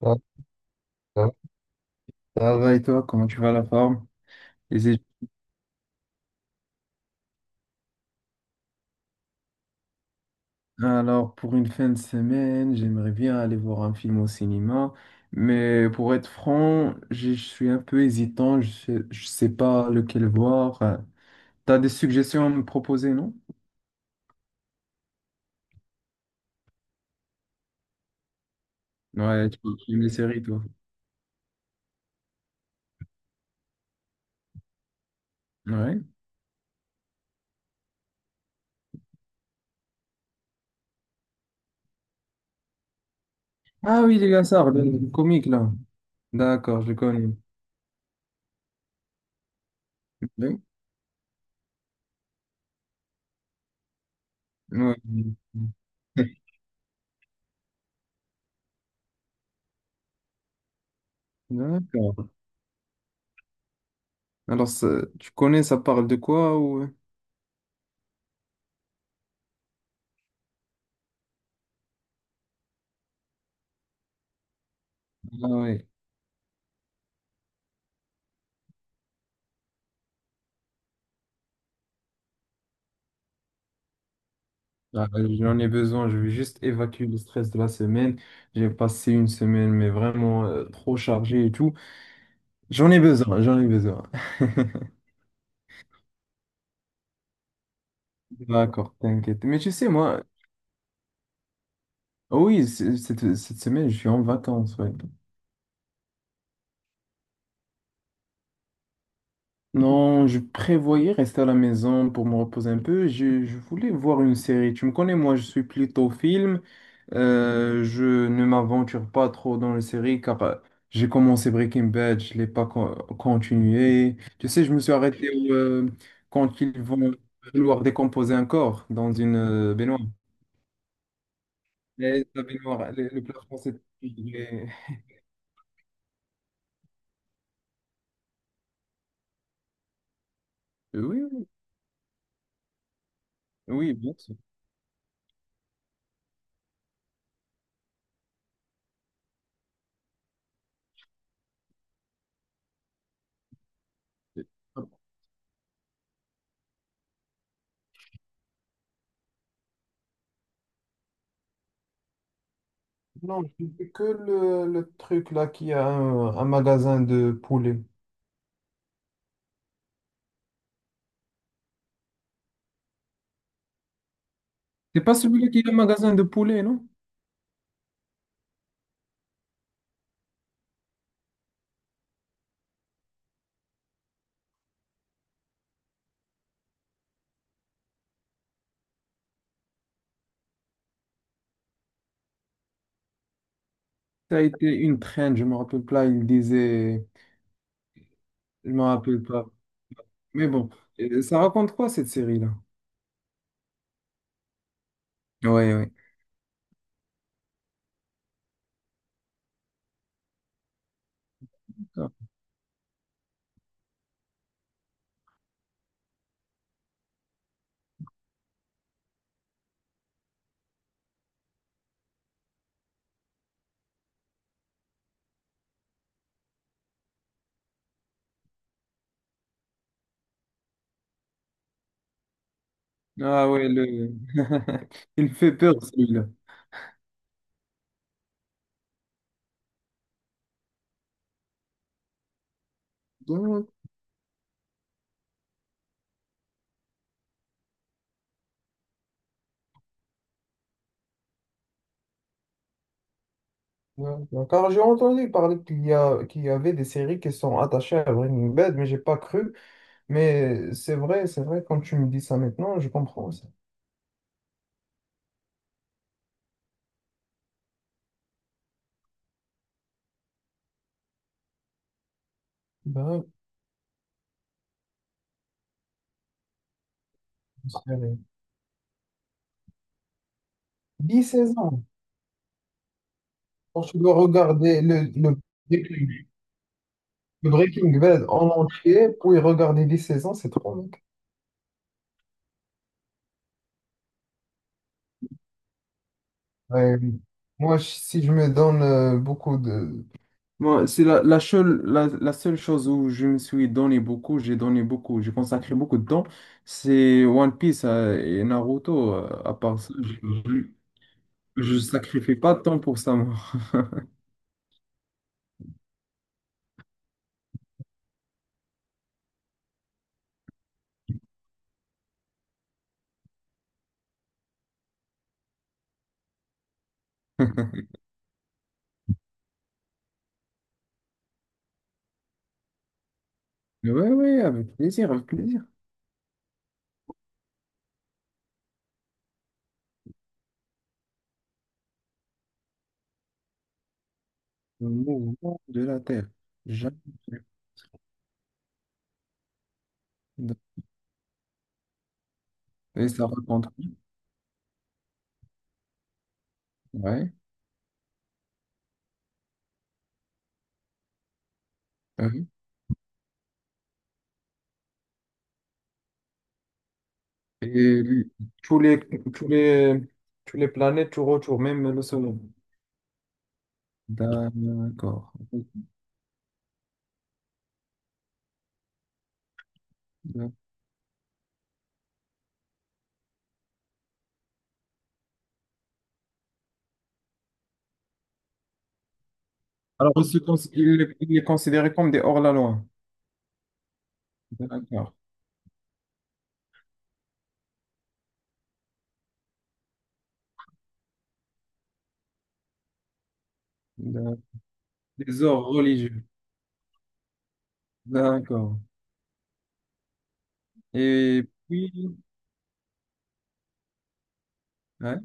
Ah, ah. Ça va et toi, comment tu vas la forme? Les études- Alors, pour une fin de semaine, j'aimerais bien aller voir un film au cinéma, mais pour être franc, je suis un peu hésitant, je sais pas lequel voir. T'as des suggestions à me proposer, non? Ouais, tu aimes les séries, toi. Ouais. Ah oui, les Gassard, le comique, là. D'accord, je le connais. Oui. Ouais. D'accord. Alors, tu connais, ça parle de quoi ou... Ah ouais. Ah, bah, j'en ai besoin, je vais juste évacuer le stress de la semaine. J'ai passé une semaine, mais vraiment trop chargée et tout. J'en ai besoin, j'en ai besoin. D'accord, t'inquiète. Mais tu sais, moi, oui, cette semaine, je suis en vacances, ouais. Non, je prévoyais rester à la maison pour me reposer un peu. Je voulais voir une série. Tu me connais, moi, je suis plutôt film. Je ne m'aventure pas trop dans les séries car j'ai commencé Breaking Bad, je l'ai pas continué. Tu sais, je me suis arrêté au quand ils vont vouloir décomposer un corps dans une baignoire. Et la baignoire, le plafond, c'est... Oui, oui, oui, bien sûr. Non, je dis que le truc là qui a un magasin de poulet. C'est pas celui-là qui a un magasin de poulet, non? Ça a été une traîne, je me rappelle pas, il disait, je me rappelle pas. Mais bon, ça raconte quoi cette série-là? Oui, oui. Ah ouais, le... il fait peur celui-là. Ouais, ouais. Car j'ai entendu parler qu'il y a, qu'il y avait des séries qui sont attachées à Breaking Bad, mais j'ai pas cru. Mais c'est vrai, quand tu me dis ça maintenant, je comprends ça. Ben, une saisons. Quand tu dois regarder le Breaking le Breaking Bad en entier, pour y regarder 10 saisons, c'est trop, mec. Ouais, oui. Moi, si je me donne beaucoup de, moi, c'est la seule chose où je me suis donné beaucoup, j'ai consacré beaucoup de temps, c'est One Piece et Naruto. À part ça, je sacrifie pas de temps pour ça, moi. Oui, oui, avec plaisir, avec plaisir. Le mouvement de la Terre. Jamais. Et ça raconte. Ouais. Oui. Et tous les, tous les, tous les planètes tout autour, même le Soleil. D'accord. Alors, ils les considéraient comme des hors-la-loi. D'accord. D'accord. Des hors religieux. D'accord. Et puis, ouais.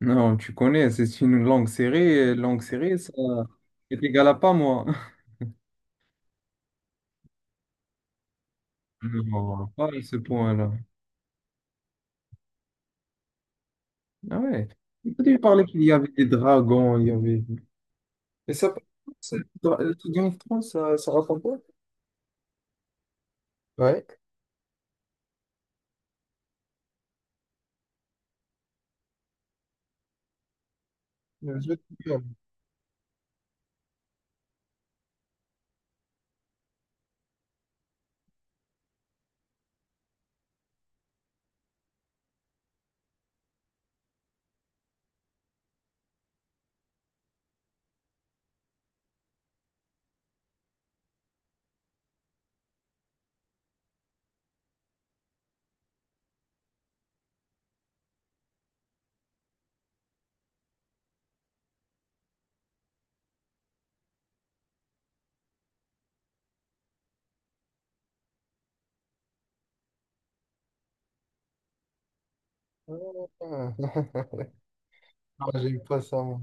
Non, tu connais, c'est une langue serrée. Et langue serrée, ça c'est égal à pas moi. Non, pas à ce point-là. Ah ouais. Quand tu parlais qu'il y avait des dragons, il y avait. Et ça, ça- tout Game of Thrones, ça raconte quoi? Ouais. Je vais te jure. Ah, non, j'ai eu pas ça, moi.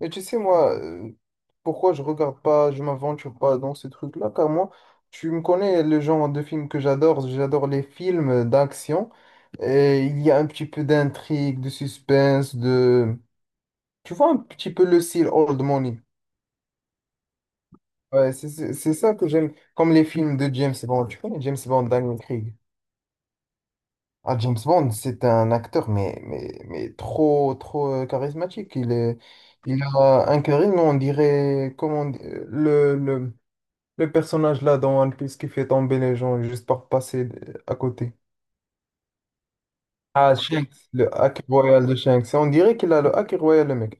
Mais tu sais, moi, pourquoi je regarde pas, je m'aventure pas dans ces trucs-là, car moi, tu me connais le genre de film que j'adore, j'adore les films d'action, et il y a un petit peu d'intrigue, de suspense, de... Tu vois un petit peu le style old money. Ouais, c'est ça que j'aime, comme les films de James Bond. Tu connais James Bond, Daniel Craig? Ah, James Bond, c'est un acteur, mais trop, trop charismatique. Il a un charisme, on dirait, le, le le personnage là dans One Piece qui fait tomber les gens juste par passer à côté. Ah, Shanks. Le hack royal de Shanks. On dirait qu'il a le hack royal, le mec.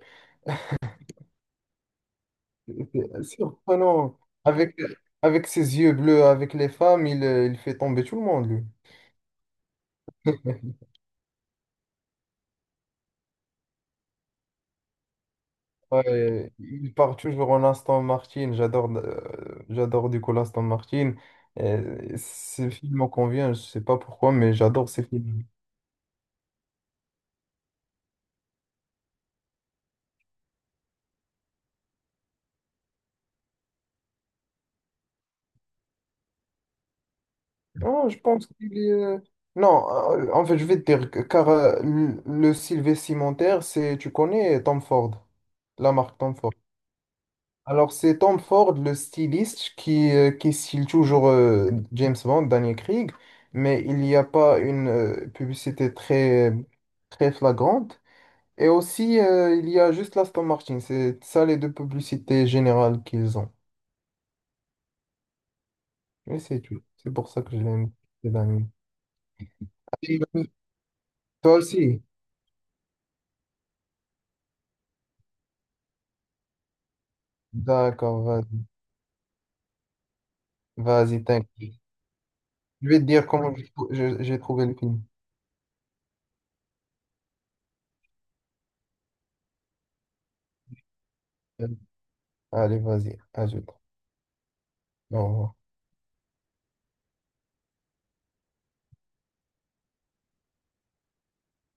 C'est surprenant. Avec, avec ses yeux bleus, avec les femmes, il fait tomber tout le monde, lui. Ouais, il part toujours en Aston Martin. J'adore j'adore du coup l'Aston Martin. Ces films me conviennent, je sais pas pourquoi, mais j'adore ces films. Non, je pense qu'il est... non, en fait, je vais te dire, car le Sylvain Cimentaire, c'est, tu connais Tom Ford, la marque Tom Ford. Alors, c'est Tom Ford, le styliste, qui style toujours James Bond, Daniel Craig, mais il n'y a pas une publicité très, très flagrante. Et aussi, il y a juste l'Aston Martin, c'est ça les deux publicités générales qu'ils ont. Mais c'est tout, c'est pour ça que je l'aime, c'est Daniel. Toi aussi? D'accord, vas-y. Vas-y, t'inquiète. Je vais te dire comment j'ai trouvé le film. Allez, vas-y, ajoute. Au revoir.